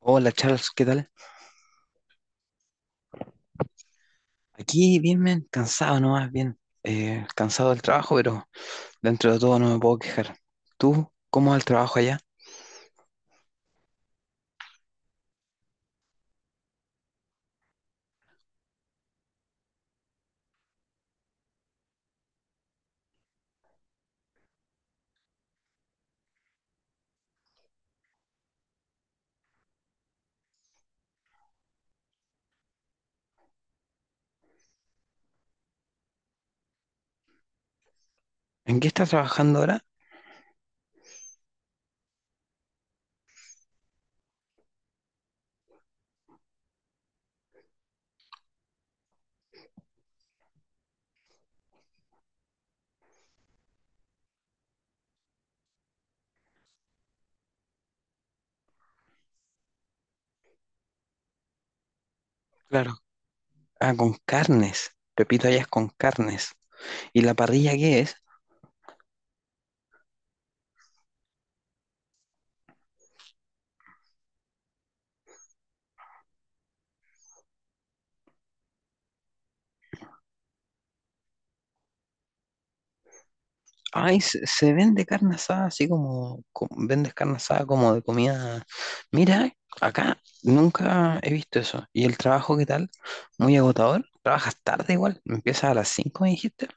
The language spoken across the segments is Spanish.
Hola Charles, ¿qué tal? Aquí bien, men, cansado nomás, bien. Cansado del trabajo, pero dentro de todo no me puedo quejar. ¿Tú cómo va el trabajo allá? ¿En qué estás trabajando ahora? Claro. Ah, con carnes. Repito, allá es con carnes. ¿Y la parrilla qué es? Ay, se vende carne asada, así vendes carne asada como de comida. Mira, acá nunca he visto eso. ¿Y el trabajo qué tal? Muy agotador. ¿Trabajas tarde igual? ¿Empiezas a las 5, me dijiste?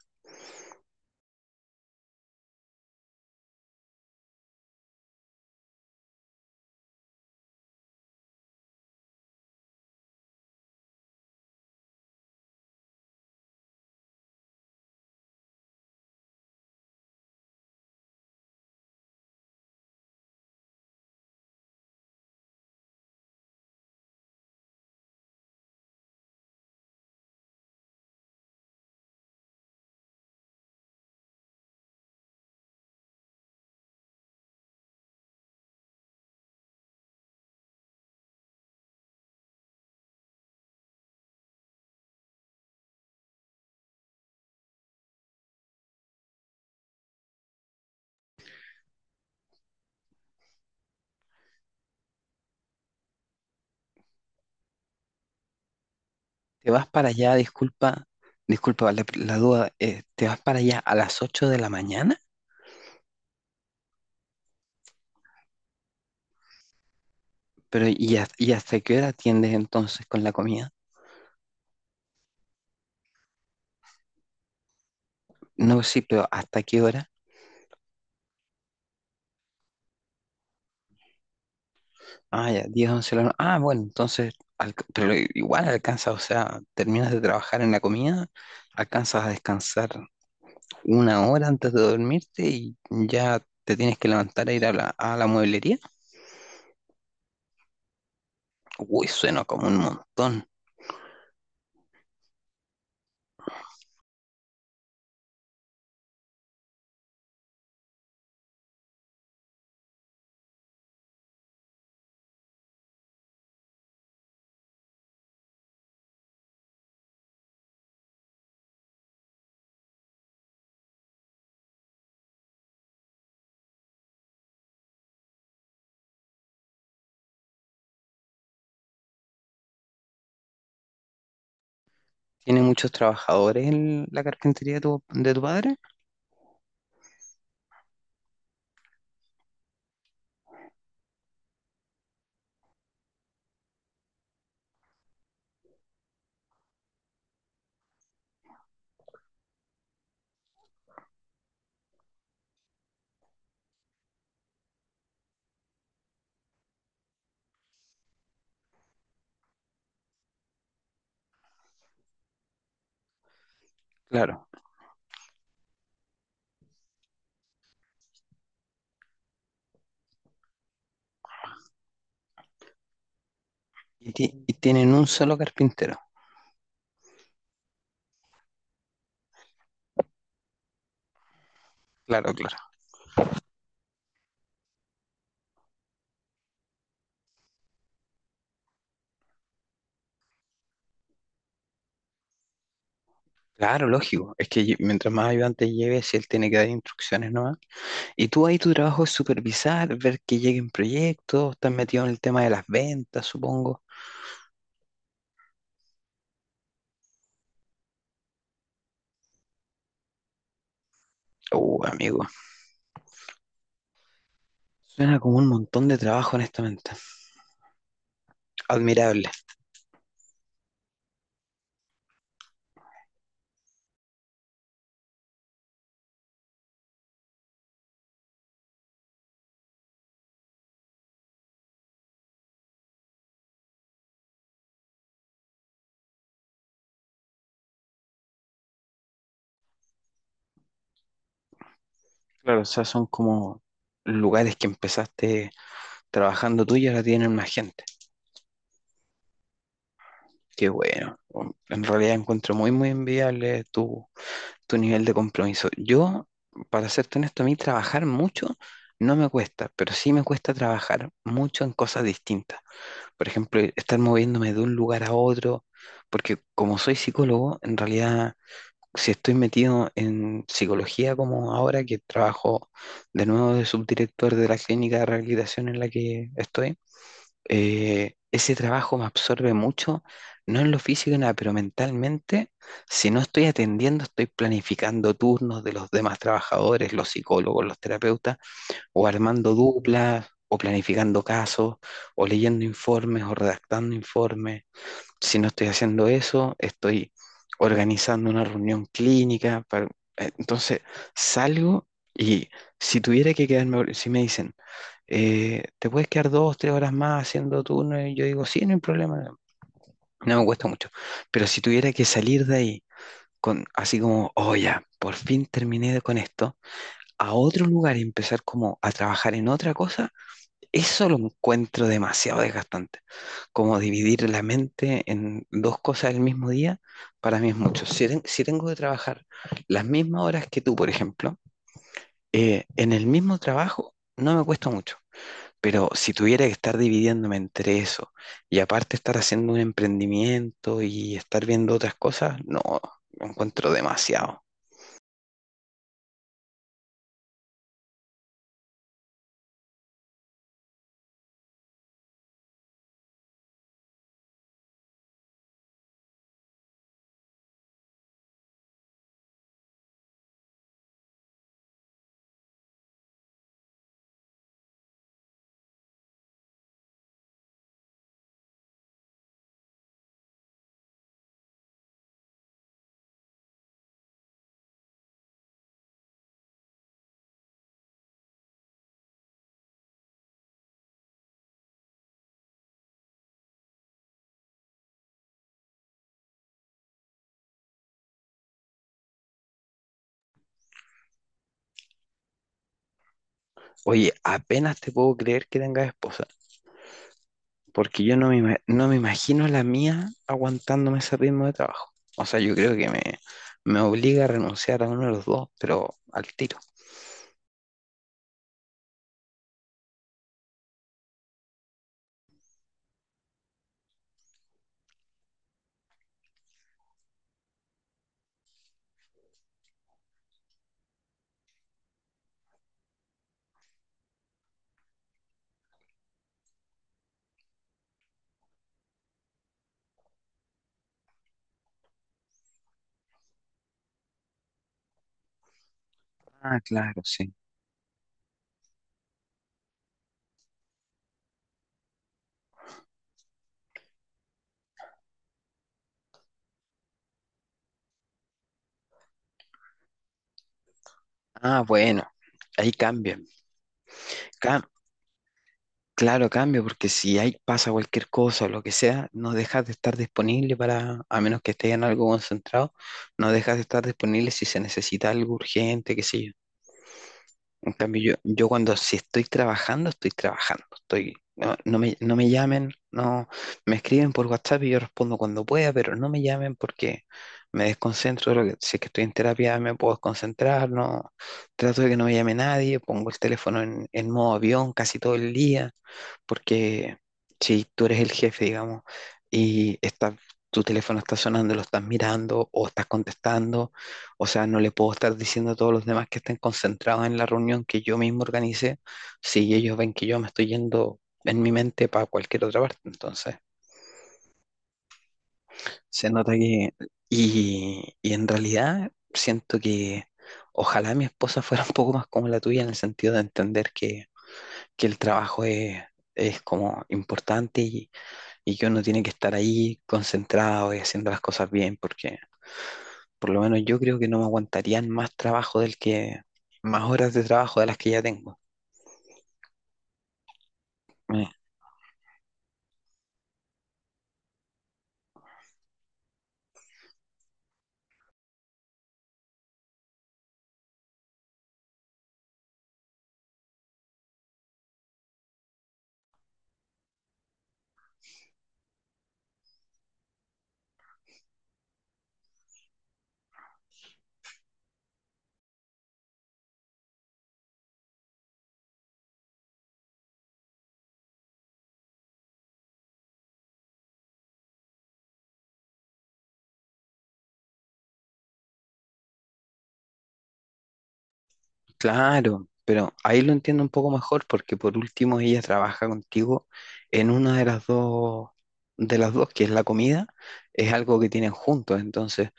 Te vas para allá, disculpa la duda, te vas para allá a las 8 de la mañana, pero ¿y hasta qué hora atiendes entonces con la comida? No, sí, pero ¿hasta qué hora? Ah, ya, 10, 11 de la noche. Ah, bueno, entonces, pero igual alcanzas, o sea, terminas de trabajar en la comida, alcanzas a descansar una hora antes de dormirte y ya te tienes que levantar a ir a la mueblería. Uy, suena como un montón. ¿Tiene muchos trabajadores en la carpintería de tu padre? Claro. Y tienen un solo carpintero. Claro, claro. Claro, lógico. Es que mientras más ayudantes lleves, si él tiene que dar instrucciones nomás. Y tú ahí tu trabajo es supervisar, ver que lleguen proyectos, estás metido en el tema de las ventas, supongo. Amigo. Suena como un montón de trabajo, honestamente. Admirable. Claro, o sea, son como lugares que empezaste trabajando tú y ahora tienen más gente. Qué bueno. En realidad encuentro muy, muy enviable tu nivel de compromiso. Yo, para serte honesto, a mí trabajar mucho no me cuesta, pero sí me cuesta trabajar mucho en cosas distintas. Por ejemplo, estar moviéndome de un lugar a otro, porque como soy psicólogo, en realidad, si estoy metido en psicología como ahora que trabajo de nuevo de subdirector de la clínica de rehabilitación en la que estoy, ese trabajo me absorbe mucho, no en lo físico, y nada, pero mentalmente, si no estoy atendiendo, estoy planificando turnos de los demás trabajadores, los psicólogos, los terapeutas, o armando duplas, o planificando casos, o leyendo informes, o redactando informes. Si no estoy haciendo eso, estoy organizando una reunión clínica. Entonces, salgo y si tuviera que quedarme, si me dicen, te puedes quedar dos, tres horas más haciendo turno y yo digo, sí, no hay problema, no, no me cuesta mucho. Pero si tuviera que salir de ahí con así como, oh ya, por fin terminé con esto, a otro lugar y empezar como a trabajar en otra cosa, eso lo encuentro demasiado desgastante. Como dividir la mente en dos cosas el mismo día, para mí es mucho. Si tengo que trabajar las mismas horas que tú, por ejemplo, en el mismo trabajo, no me cuesta mucho pero si tuviera que estar dividiéndome entre eso y aparte estar haciendo un emprendimiento y estar viendo otras cosas, no, lo encuentro demasiado. Oye, apenas te puedo creer que tengas esposa, porque yo no me imagino la mía aguantándome ese ritmo de trabajo. O sea, yo creo que me obliga a renunciar a uno de los dos, pero al tiro. Ah, claro, sí. Ah, bueno, ahí cambia. Claro, cambio, porque si hay, pasa cualquier cosa o lo que sea, no dejas de estar disponible para, a menos que estés en algo concentrado, no dejas de estar disponible si se necesita algo urgente, qué sé yo. En cambio, yo cuando si estoy trabajando, estoy trabajando. Estoy, no, no me, no me llamen, no me escriben por WhatsApp y yo respondo cuando pueda, pero no me llamen porque me desconcentro. Si es que estoy en terapia, me puedo desconcentrar, no trato de que no me llame nadie, pongo el teléfono en modo avión casi todo el día, porque si tú eres el jefe, digamos, y está, tu teléfono está sonando, lo estás mirando o estás contestando, o sea, no le puedo estar diciendo a todos los demás que estén concentrados en la reunión que yo mismo organicé, si ellos ven que yo me estoy yendo en mi mente para cualquier otra parte. Entonces, se nota que... Y en realidad siento que ojalá mi esposa fuera un poco más como la tuya en el sentido de entender que, el trabajo es como importante y que uno tiene que estar ahí concentrado y haciendo las cosas bien, porque por lo menos yo creo que no me aguantarían más trabajo más horas de trabajo de las que ya tengo. Eh, claro, pero ahí lo entiendo un poco mejor porque por último ella trabaja contigo en una de las dos, que es la comida, es algo que tienen juntos, entonces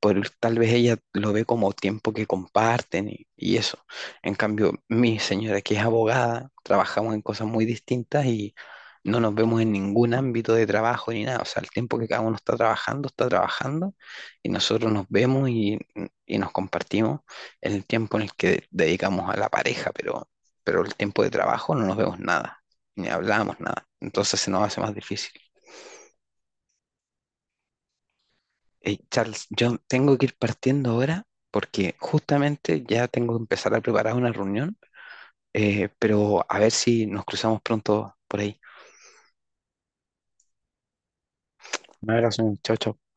tal vez ella lo ve como tiempo que comparten y eso. En cambio, mi señora, que es abogada, trabajamos en cosas muy distintas y no nos vemos en ningún ámbito de trabajo ni nada. O sea, el tiempo que cada uno está trabajando y nosotros nos vemos y nos compartimos el tiempo en el que dedicamos a la pareja, pero el tiempo de trabajo no nos vemos nada, ni hablamos nada. Entonces se nos hace más difícil. Hey, Charles, yo tengo que ir partiendo ahora porque justamente ya tengo que empezar a preparar una reunión, pero a ver si nos cruzamos pronto por ahí. Un abrazo, chao, chao.